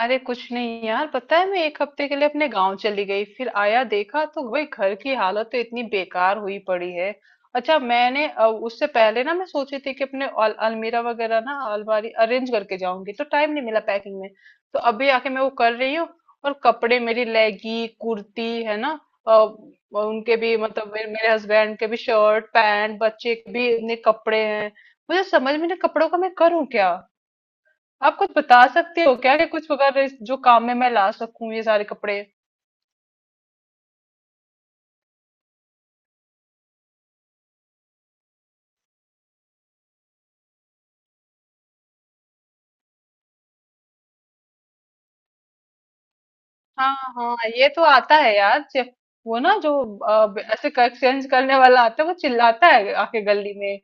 अरे कुछ नहीं यार, पता है मैं एक हफ्ते के लिए अपने गांव चली गई, फिर आया देखा तो भाई घर की हालत तो इतनी बेकार हुई पड़ी है। अच्छा, मैंने उससे पहले ना मैं सोची थी कि अपने अलमीरा वगैरह ना अलमारी अरेंज करके जाऊंगी, तो टाइम नहीं मिला पैकिंग में। तो अभी आके मैं वो कर रही हूँ। और कपड़े मेरी लेगी कुर्ती है ना। और उनके भी मतलब मेरे हस्बैंड के भी शर्ट पैंट बच्चे के भी इतने कपड़े हैं। मुझे समझ में नहीं कपड़ों का मैं करूँ क्या। आप कुछ बता सकते हो क्या कि कुछ वगैरह जो काम में मैं ला सकूं ये सारे कपड़े। हाँ हाँ, ये तो आता है यार। वो ना जो ऐसे एक्सचेंज करने वाला आता है, वो चिल्लाता है आके गली में,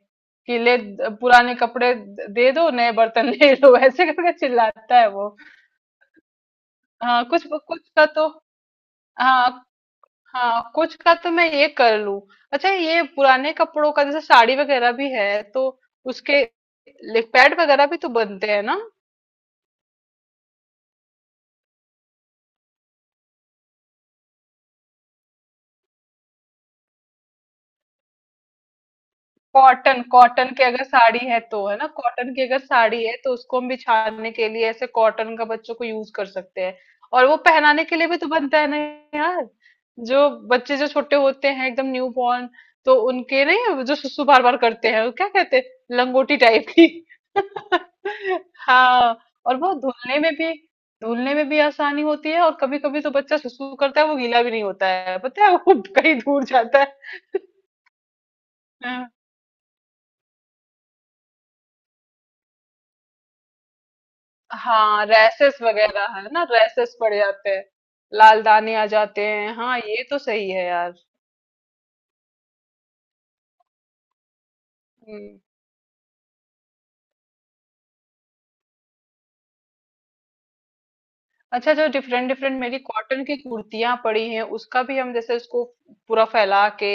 कि ले पुराने कपड़े दे दो नए बर्तन ले लो, ऐसे करके चिल्लाता है वो। हाँ कुछ कुछ का तो। हाँ। हाँ कुछ का तो मैं ये कर लूं। अच्छा, ये पुराने कपड़ों का जैसे साड़ी वगैरह भी है तो उसके पैड वगैरह भी तो बनते हैं ना। कॉटन, कॉटन की अगर साड़ी है तो, है ना, कॉटन की अगर साड़ी है तो उसको हम बिछाने के लिए ऐसे कॉटन का बच्चों को यूज कर सकते हैं। और वो पहनाने के लिए भी तो बनता है ना। यार जो बच्चे जो छोटे होते हैं, एकदम न्यू बॉर्न। तो उनके नहीं, जो सुसु बार बार करते हैं, वो क्या कहते हैं, लंगोटी टाइप की। हाँ। और वो धुलने में भी, धुलने में भी आसानी होती है, और कभी कभी तो बच्चा सुसु करता है, वो गीला भी नहीं होता है, पता है वो कहीं दूर जाता है। हाँ, रैसेस वगैरह है ना, रैसेस पड़ जाते हैं, लाल दाने आ जाते हैं। हाँ ये तो सही है यार। हम्म। अच्छा, जो डिफरेंट डिफरेंट मेरी कॉटन की कुर्तियां पड़ी हैं, उसका भी हम जैसे उसको पूरा फैला के,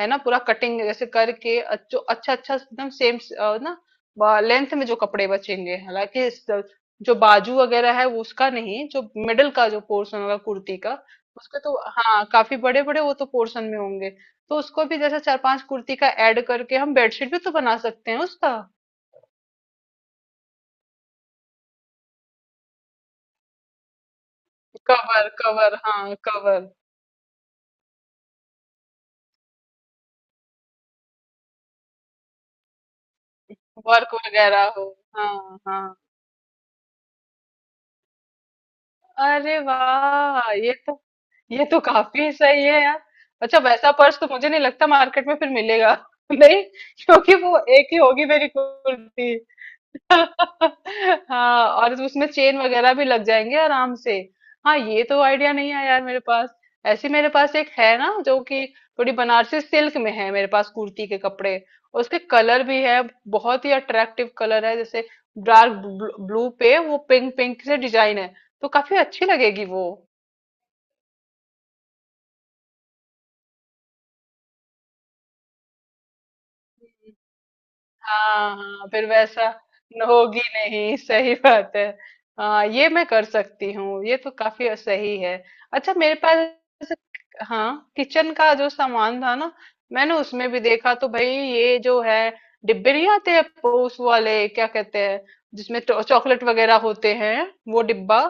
है ना, पूरा कटिंग जैसे करके जो अच्छा अच्छा एकदम सेम ना लेंथ में जो कपड़े बचेंगे, हालांकि जो बाजू वगैरह है वो उसका नहीं, जो मिडल का जो पोर्शन होगा कुर्ती का, उसका तो हाँ, काफी बड़े बड़े वो तो पोर्शन में होंगे। तो उसको भी जैसे चार पांच कुर्ती का ऐड करके हम बेडशीट भी तो बना सकते हैं उसका। कवर, कवर, हाँ कवर। वर्क वगैरह हो। हाँ हाँ। अरे वाह, ये तो काफी सही है यार। अच्छा, वैसा पर्स तो मुझे नहीं लगता मार्केट में फिर मिलेगा। नहीं, क्योंकि वो एक ही होगी मेरी कुर्ती। हाँ, और उसमें चेन वगैरह भी लग जाएंगे आराम से। हाँ, ये तो आइडिया नहीं आया यार मेरे पास। ऐसे मेरे पास एक है ना, जो कि थोड़ी बनारसी सिल्क में है मेरे पास, कुर्ती के कपड़े। और उसके कलर भी है, बहुत ही अट्रैक्टिव कलर है, जैसे डार्क ब्लू पे वो पिंक पिंक से डिजाइन है। तो काफी अच्छी लगेगी वो। हाँ हाँ, फिर वैसा होगी नहीं। सही बात है। हाँ ये मैं कर सकती हूँ, ये तो काफी सही है। अच्छा मेरे पास, हाँ, किचन का जो सामान था ना, मैंने उसमें भी देखा तो भाई ये जो है, डिब्बे नहीं आते हैं वो, उस वाले क्या कहते हैं, जिसमें चॉकलेट वगैरह होते हैं, वो डिब्बा।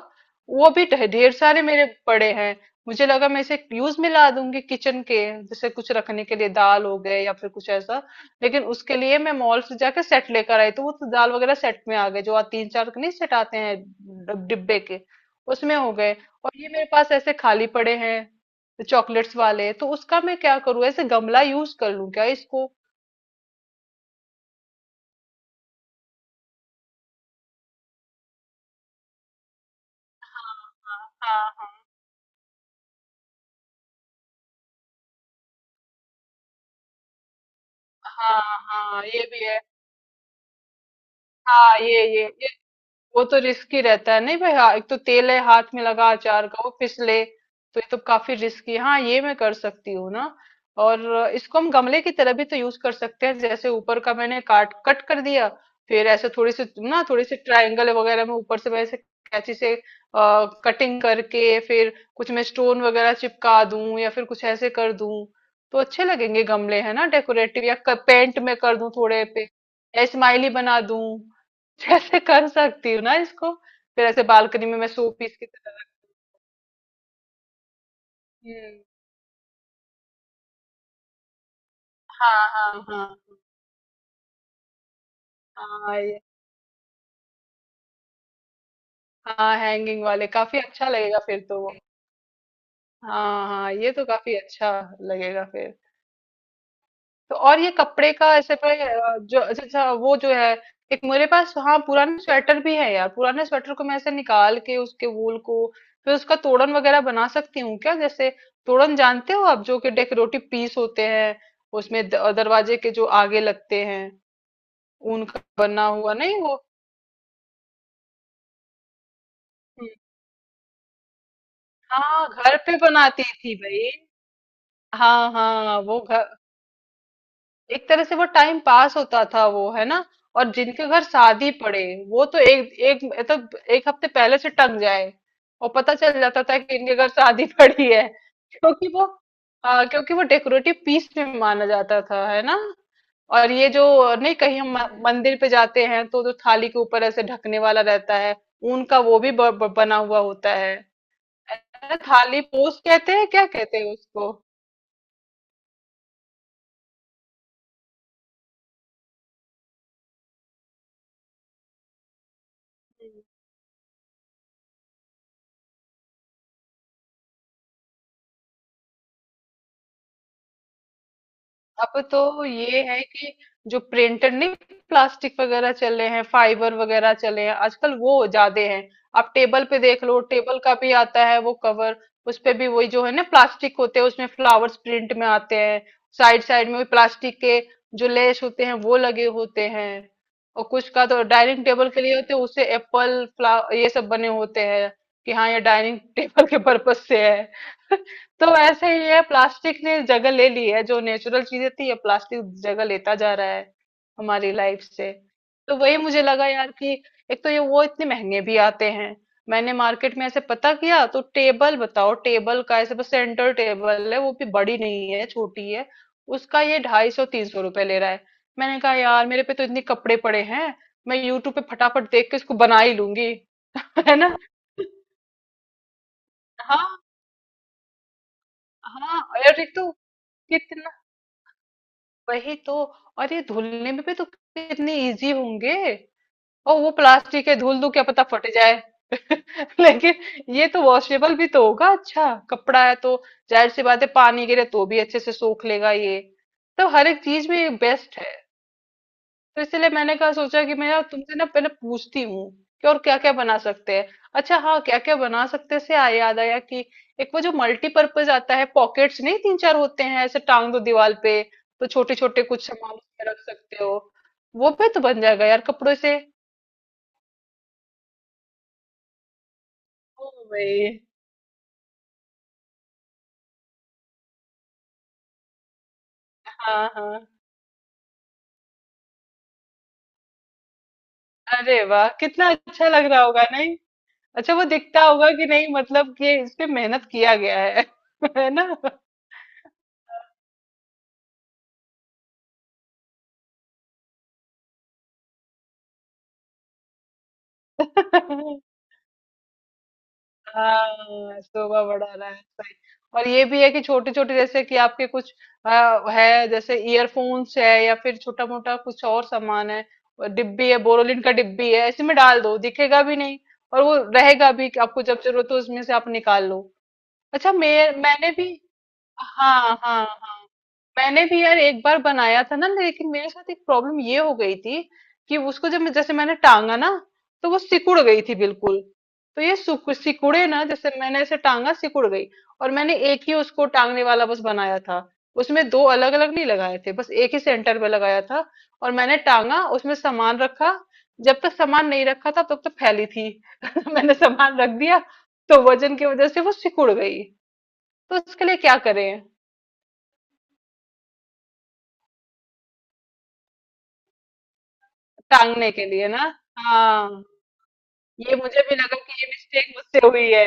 वो भी ढेर सारे मेरे पड़े हैं। मुझे लगा मैं इसे यूज में ला दूंगी किचन के जैसे कुछ रखने के लिए दाल हो गए, या फिर कुछ ऐसा। लेकिन उसके लिए मैं मॉल से जाके सेट लेकर आई, तो वो तो दाल वगैरह सेट में आ गए, जो आ तीन चार नहीं सेट आते हैं डिब्बे के, उसमें हो गए। और ये मेरे पास ऐसे खाली पड़े हैं चॉकलेट्स वाले, तो उसका मैं क्या करूँ, ऐसे गमला यूज कर लूँ क्या इसको। हाँ हाँ हाँ हाँ हाँ, हाँ, ये भी है। हाँ ये, वो तो रिस्की रहता है, नहीं भाई। हाँ, एक तो तेल है हाथ में लगा अचार का, वो फिसले, तो ये तो काफी रिस्की। हाँ ये मैं कर सकती हूँ ना। और इसको हम गमले की तरह भी तो यूज कर सकते हैं, जैसे ऊपर का मैंने काट कट कर दिया, फिर ऐसे थोड़ी सी ना, थोड़ी सी ट्रायंगल वगैरह में ऊपर से मैं ऐसे कैंची से कटिंग करके, फिर कुछ मैं स्टोन वगैरह चिपका दूं, या फिर कुछ ऐसे कर दूं, तो अच्छे लगेंगे गमले, है ना, डेकोरेटिव, या पेंट में कर दूं थोड़े पे, स्माइली बना दूं, जैसे कर सकती हूँ ना इसको। फिर ऐसे बालकनी में मैं शो पीस की तरह रखती हूँ। हाँ हाँ हाँ हाँ ये। हाँ, हैंगिंग वाले काफी अच्छा लगेगा फिर तो वो। हाँ हाँ, ये तो काफी अच्छा लगेगा फिर। तो और ये कपड़े का ऐसे पे जो अच्छा अच्छा वो जो है, एक मेरे पास हाँ, पुराने स्वेटर भी है यार, पुराने स्वेटर को मैं ऐसे निकाल के उसके वूल को, फिर उसका तोड़न वगैरह बना सकती हूँ क्या, जैसे तोड़न जानते हो आप, जो कि डेकोरेटिव पीस होते हैं। उसमें दरवाजे के जो आगे लगते हैं, ऊन का बना हुआ, नहीं वो। हम्म, हाँ घर पे बनाती थी भाई। हाँ हाँ वो घर, एक तरह से वो टाइम पास होता था वो, है ना। और जिनके घर शादी पड़े, वो तो एक एक मतलब एक हफ्ते पहले से टंग जाए। और पता चल जाता था कि इनके घर शादी पड़ी है। क्योंकि वो, हाँ क्योंकि वो डेकोरेटिव पीस में माना जाता था, है ना। और ये जो, नहीं कहीं हम मंदिर पे जाते हैं तो जो थाली के ऊपर ऐसे ढकने वाला रहता है, ऊन का वो भी ब, ब, बना हुआ होता है ना, थाली पोस कहते हैं, क्या कहते हैं उसको। हम्म। अब तो ये है कि, जो प्रिंटेड नहीं, प्लास्टिक वगैरह चले हैं, फाइबर वगैरह चले हैं आजकल, वो ज्यादा हैं। आप टेबल पे देख लो, टेबल का भी आता है वो कवर, उस पे भी वही जो है ना, प्लास्टिक होते हैं, उसमें फ्लावर्स प्रिंट में आते हैं। साइड साइड में भी प्लास्टिक के जो लेस होते हैं, वो लगे होते हैं। और कुछ का तो डाइनिंग टेबल के लिए होते हैं, उससे एप्पल फ्ला ये सब बने होते हैं, कि हाँ ये डाइनिंग टेबल के पर्पज से है। तो वैसे ही है, प्लास्टिक ने जगह ले ली है जो नेचुरल चीजें थी, ये प्लास्टिक जगह लेता जा रहा है हमारी लाइफ से। तो वही मुझे लगा यार कि एक तो ये वो इतने महंगे भी आते हैं। मैंने मार्केट में ऐसे पता किया तो, टेबल बताओ, टेबल का ऐसे बस, सेंटर टेबल है वो भी, बड़ी नहीं है, छोटी है। उसका ये ₹250-300 ले रहा है। मैंने कहा यार, मेरे पे तो इतने कपड़े पड़े हैं, मैं यूट्यूब पे फटाफट देख के इसको बना ही लूंगी। है ना। हाँ हाँ। और एक तो कितना, वही तो, और ये धुलने में भी तो कितने इजी होंगे। और वो प्लास्टिक है, धुल दूं क्या पता फट जाए। लेकिन ये तो वॉशेबल भी तो होगा, अच्छा कपड़ा है तो, जाहिर सी बात है, पानी गिरे तो भी अच्छे से सोख लेगा ये। तो हर एक चीज में बेस्ट है। तो इसलिए मैंने कहा, सोचा कि मैं यार तुमसे ना पहले पूछती हूँ कि और क्या क्या बना सकते हैं। अच्छा हाँ, क्या क्या बना सकते हैं से आ याद आया कि एक वो जो मल्टीपर्पज आता है पॉकेट्स, नहीं तीन चार होते हैं, ऐसे टांग दो दीवार पे, तो छोटे छोटे कुछ सामान उसमें रख सकते हो। वो भी तो बन जाएगा यार कपड़ों से। ओ भाई। हाँ हाँ। अरे वाह, कितना अच्छा लग रहा होगा, नहीं। अच्छा वो दिखता होगा कि नहीं, मतलब कि इसमें मेहनत किया गया है। है ना। हाँ, शोभा बढ़ा रहा है, सही। और ये भी है कि छोटे छोटे जैसे कि आपके कुछ है जैसे ईयरफोन्स है, या फिर छोटा मोटा कुछ और सामान है, और डिब्बी है, बोरोलिन का डिब्बी है, इसी में डाल दो, दिखेगा भी नहीं, और वो रहेगा भी कि आपको जब जरूरत हो उसमें से आप निकाल लो। अच्छा मैंने भी, हाँ हाँ हाँ, मैंने भी यार एक बार बनाया था ना, लेकिन मेरे साथ एक प्रॉब्लम ये हो गई थी, कि उसको जब जैसे मैंने टांगा ना, तो वो सिकुड़ गई थी बिल्कुल। तो ये सिकुड़े ना, जैसे मैंने ऐसे टांगा सिकुड़ गई। और मैंने एक ही उसको टांगने वाला बस बनाया था, उसमें दो अलग अलग नहीं लगाए थे, बस एक ही सेंटर पे लगाया था। और मैंने टांगा उसमें सामान रखा, जब तक सामान नहीं रखा था तब तक फैली थी। मैंने सामान रख दिया तो वजन की वजह से वो सिकुड़ गई। तो उसके लिए क्या करें, टांगने के लिए ना। हाँ, ये मुझे भी लगा कि ये मिस्टेक मुझसे हुई है।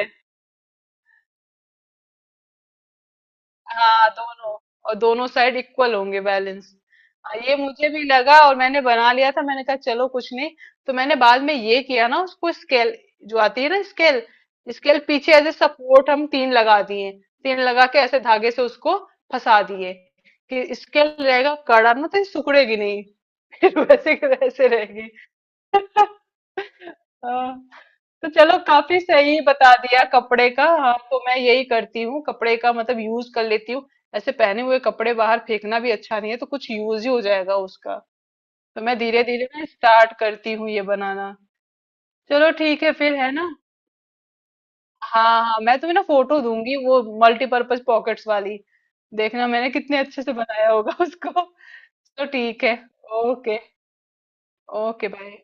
हाँ दोनों, और दोनों साइड इक्वल होंगे, बैलेंस। ये मुझे भी लगा, और मैंने बना लिया था, मैंने कहा चलो कुछ नहीं। तो मैंने बाद में ये किया ना, उसको स्केल, जो आती है ना स्केल, स्केल पीछे एज ए सपोर्ट हम तीन लगा दिए। तीन लगा के ऐसे धागे से उसको फंसा दिए, कि स्केल रहेगा कड़ा ना, तो ये सिकुड़ेगी नहीं। फिर वैसे के वैसे रहेगी। हाँ, तो चलो काफी सही बता दिया कपड़े का। हाँ तो मैं यही करती हूँ, कपड़े का मतलब यूज कर लेती हूँ। ऐसे पहने हुए कपड़े बाहर फेंकना भी अच्छा नहीं है, तो कुछ यूज ही हो जाएगा उसका। तो मैं धीरे धीरे ना स्टार्ट करती हूँ ये बनाना। चलो ठीक है फिर, है ना। हाँ हाँ, मैं तुम्हें ना फोटो दूंगी वो मल्टीपर्पज पॉकेट्स वाली, देखना मैंने कितने अच्छे से बनाया होगा उसको। तो ठीक है। ओके। Okay bye.